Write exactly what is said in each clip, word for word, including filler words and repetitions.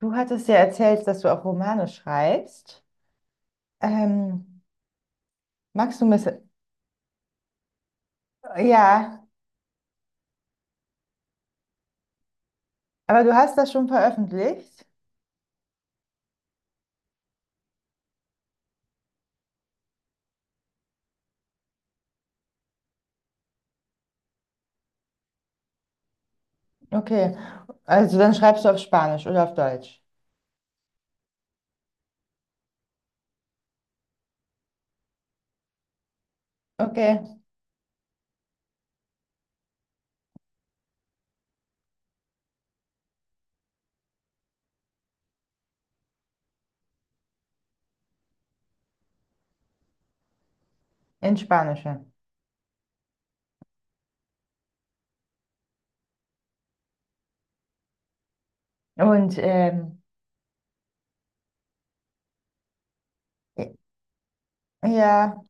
Du hattest ja erzählt, dass du auch Romane schreibst. Ähm, Magst du ein bisschen? Ja, aber du hast das schon veröffentlicht? Okay, also dann schreibst du auf Spanisch oder auf Deutsch. Okay, in Spanisch. Ja. Und ähm, ja,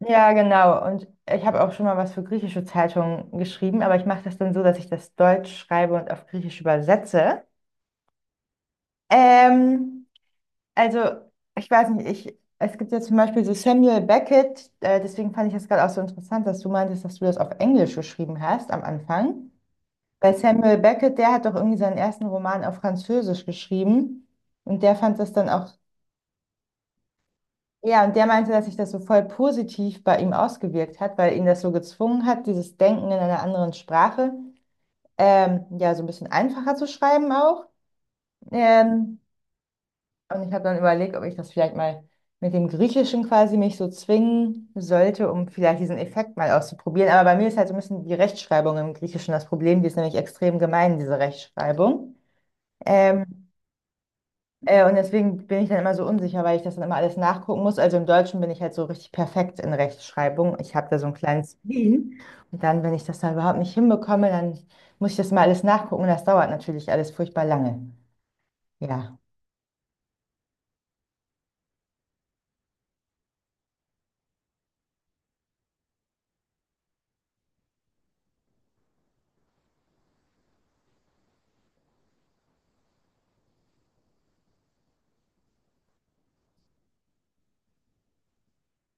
ja, genau. Und ich habe auch schon mal was für griechische Zeitungen geschrieben, aber ich mache das dann so, dass ich das Deutsch schreibe und auf Griechisch übersetze. Ähm, Also, ich weiß nicht, ich, es gibt ja zum Beispiel so Samuel Beckett, äh, deswegen fand ich das gerade auch so interessant, dass du meintest, dass du das auf Englisch geschrieben hast am Anfang. Weil Samuel Beckett, der hat doch irgendwie seinen ersten Roman auf Französisch geschrieben und der fand das dann auch, ja, und der meinte, dass sich das so voll positiv bei ihm ausgewirkt hat, weil ihn das so gezwungen hat, dieses Denken in einer anderen Sprache, ähm, ja, so ein bisschen einfacher zu schreiben auch. Ähm, Und ich habe dann überlegt, ob ich das vielleicht mal mit dem Griechischen quasi mich so zwingen sollte, um vielleicht diesen Effekt mal auszuprobieren. Aber bei mir ist halt so ein bisschen die Rechtschreibung im Griechischen das Problem. Die ist nämlich extrem gemein, diese Rechtschreibung. Ähm, äh, und deswegen bin ich dann immer so unsicher, weil ich das dann immer alles nachgucken muss. Also im Deutschen bin ich halt so richtig perfekt in Rechtschreibung. Ich habe da so ein kleines Spleen. Und dann, wenn ich das dann überhaupt nicht hinbekomme, dann muss ich das mal alles nachgucken. Und das dauert natürlich alles furchtbar lange. Ja.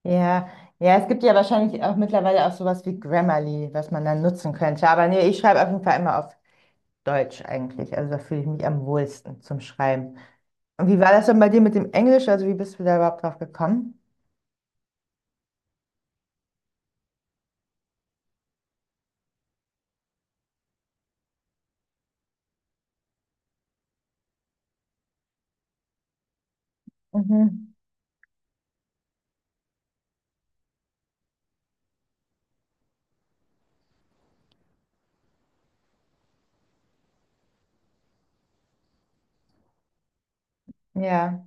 Ja, ja, es gibt ja wahrscheinlich auch mittlerweile auch sowas wie Grammarly, was man dann nutzen könnte. Aber nee, ich schreibe auf jeden Fall immer auf Deutsch eigentlich. Also da fühle ich mich am wohlsten zum Schreiben. Und wie war das denn bei dir mit dem Englisch? Also wie bist du da überhaupt drauf gekommen? Mhm. Ja,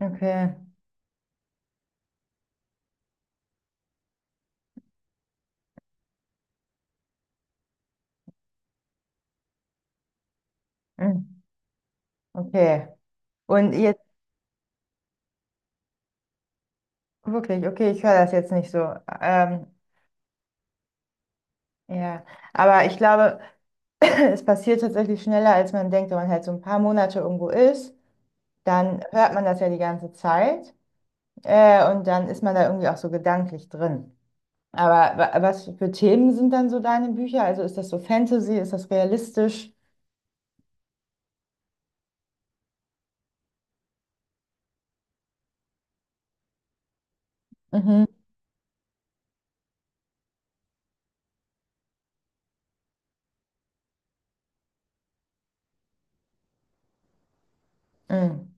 okay. Mhm. Okay. Und jetzt wirklich, okay, ich höre das jetzt nicht so. Ähm, ja, aber ich glaube, es passiert tatsächlich schneller, als man denkt, wenn man halt so ein paar Monate irgendwo ist, dann hört man das ja die ganze Zeit. Äh, und dann ist man da irgendwie auch so gedanklich drin. Aber wa- was für Themen sind dann so deine Bücher? Also ist das so Fantasy? Ist das realistisch? Mhm. Mhm.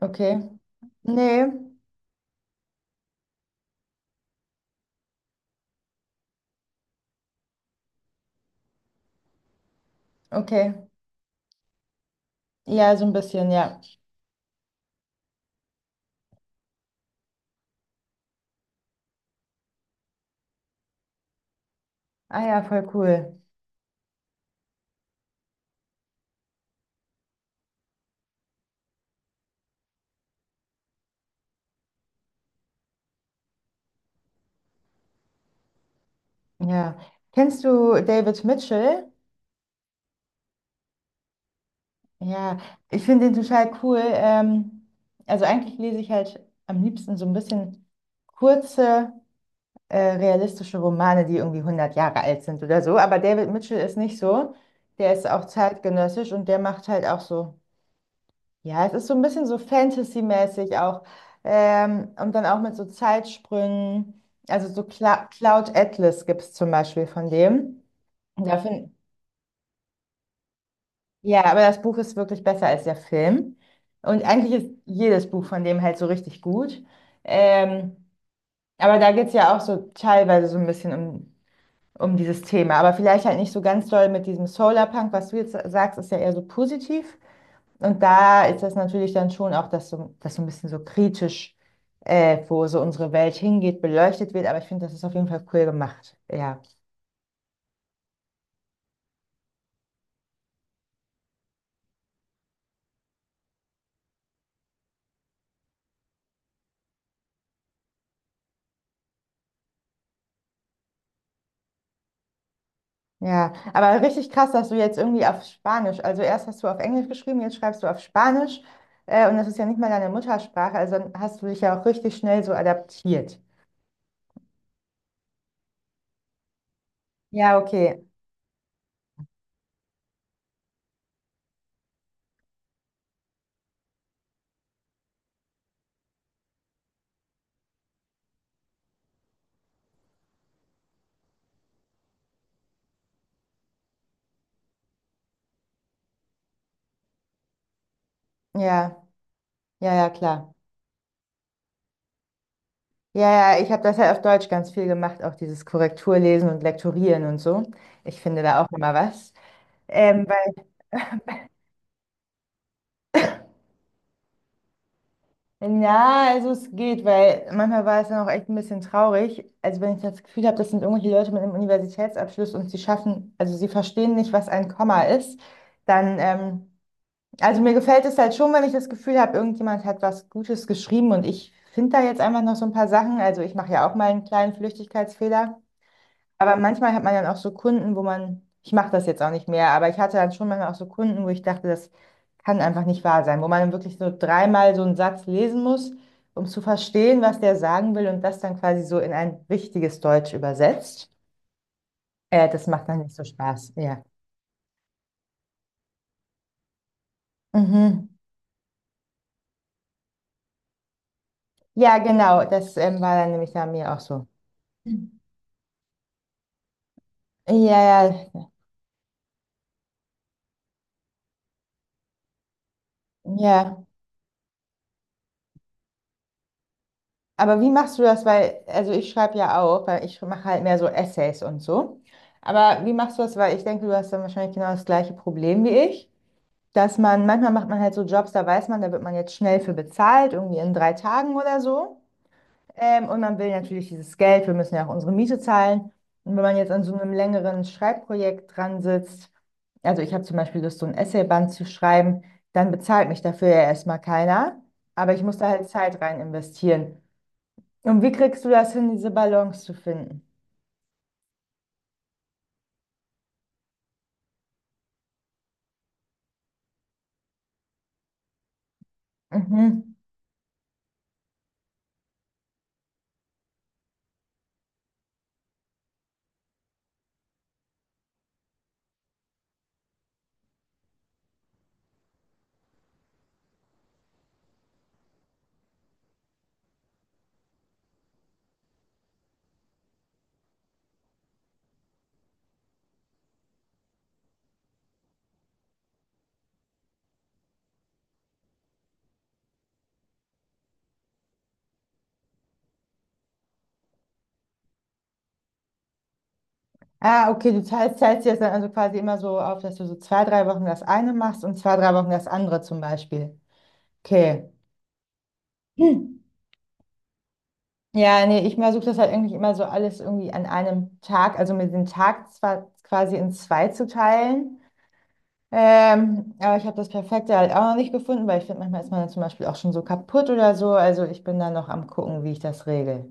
Okay. Nee. Okay. Ja, so ein bisschen, ja. Ah ja, voll cool. Ja. Kennst du David Mitchell? Ja, ich finde den total cool. Ähm, also eigentlich lese ich halt am liebsten so ein bisschen kurze. äh, realistische Romane, die irgendwie hundert Jahre alt sind oder so. Aber David Mitchell ist nicht so. Der ist auch zeitgenössisch und der macht halt auch so, ja, es ist so ein bisschen so Fantasy-mäßig auch. Ähm, und dann auch mit so Zeitsprüngen. Also so Cla Cloud Atlas gibt es zum Beispiel von dem. Und da find- ja, aber das Buch ist wirklich besser als der Film. Und eigentlich ist jedes Buch von dem halt so richtig gut. Ähm, aber da geht es ja auch so teilweise so ein bisschen um um dieses Thema. Aber vielleicht halt nicht so ganz doll mit diesem Solarpunk, was du jetzt sagst, ist ja eher so positiv. Und da ist das natürlich dann schon auch, dass so, dass so ein bisschen so kritisch, äh, wo so unsere Welt hingeht, beleuchtet wird. Aber ich finde, das ist auf jeden Fall cool gemacht. Ja. Ja, aber richtig krass, dass du jetzt irgendwie auf Spanisch, also erst hast du auf Englisch geschrieben, jetzt schreibst du auf Spanisch, äh, und das ist ja nicht mal deine Muttersprache, also dann hast du dich ja auch richtig schnell so adaptiert. Ja, okay. Ja, ja, ja, klar. Ja, ja, ich habe das ja auf Deutsch ganz viel gemacht, auch dieses Korrekturlesen und Lektorieren und so. Ich finde da auch immer was. Ähm, weil, na, also es geht, weil manchmal war es dann auch echt ein bisschen traurig. Also wenn ich das Gefühl habe, das sind irgendwelche Leute mit einem Universitätsabschluss und sie schaffen, also sie verstehen nicht, was ein Komma ist, dann, ähm, also mir gefällt es halt schon, wenn ich das Gefühl habe, irgendjemand hat was Gutes geschrieben und ich finde da jetzt einfach noch so ein paar Sachen. Also ich mache ja auch mal einen kleinen Flüchtigkeitsfehler. Aber manchmal hat man dann auch so Kunden, wo man, ich mache das jetzt auch nicht mehr, aber ich hatte dann schon manchmal auch so Kunden, wo ich dachte, das kann einfach nicht wahr sein, wo man dann wirklich so dreimal so einen Satz lesen muss, um zu verstehen, was der sagen will und das dann quasi so in ein richtiges Deutsch übersetzt. Äh, das macht dann nicht so Spaß, ja. Mhm. Ja, genau, das ähm, war dann nämlich bei mir auch so. Ja, ja, ja. Aber wie machst du das? Weil, also ich schreibe ja auch, weil ich mache halt mehr so Essays und so. Aber wie machst du das? Weil ich denke, du hast dann wahrscheinlich genau das gleiche Problem wie ich, dass man, manchmal macht man halt so Jobs, da weiß man, da wird man jetzt schnell für bezahlt, irgendwie in drei Tagen oder so. Ähm, und man will natürlich dieses Geld, wir müssen ja auch unsere Miete zahlen. Und wenn man jetzt an so einem längeren Schreibprojekt dran sitzt, also ich habe zum Beispiel Lust, so ein Essayband zu schreiben, dann bezahlt mich dafür ja erstmal keiner. Aber ich muss da halt Zeit rein investieren. Und wie kriegst du das hin, diese Balance zu finden? Mhm. Ah, okay, du teilst, teilst dir das dann also quasi immer so auf, dass du so zwei, drei Wochen das eine machst und zwei, drei Wochen das andere zum Beispiel. Okay. Hm. Ja, nee, ich versuche das halt irgendwie immer so alles irgendwie an einem Tag, also mir den Tag zwar quasi in zwei zu teilen, ähm, aber ich habe das Perfekte halt auch noch nicht gefunden, weil ich finde, manchmal ist man dann zum Beispiel auch schon so kaputt oder so. Also ich bin da noch am gucken, wie ich das regel.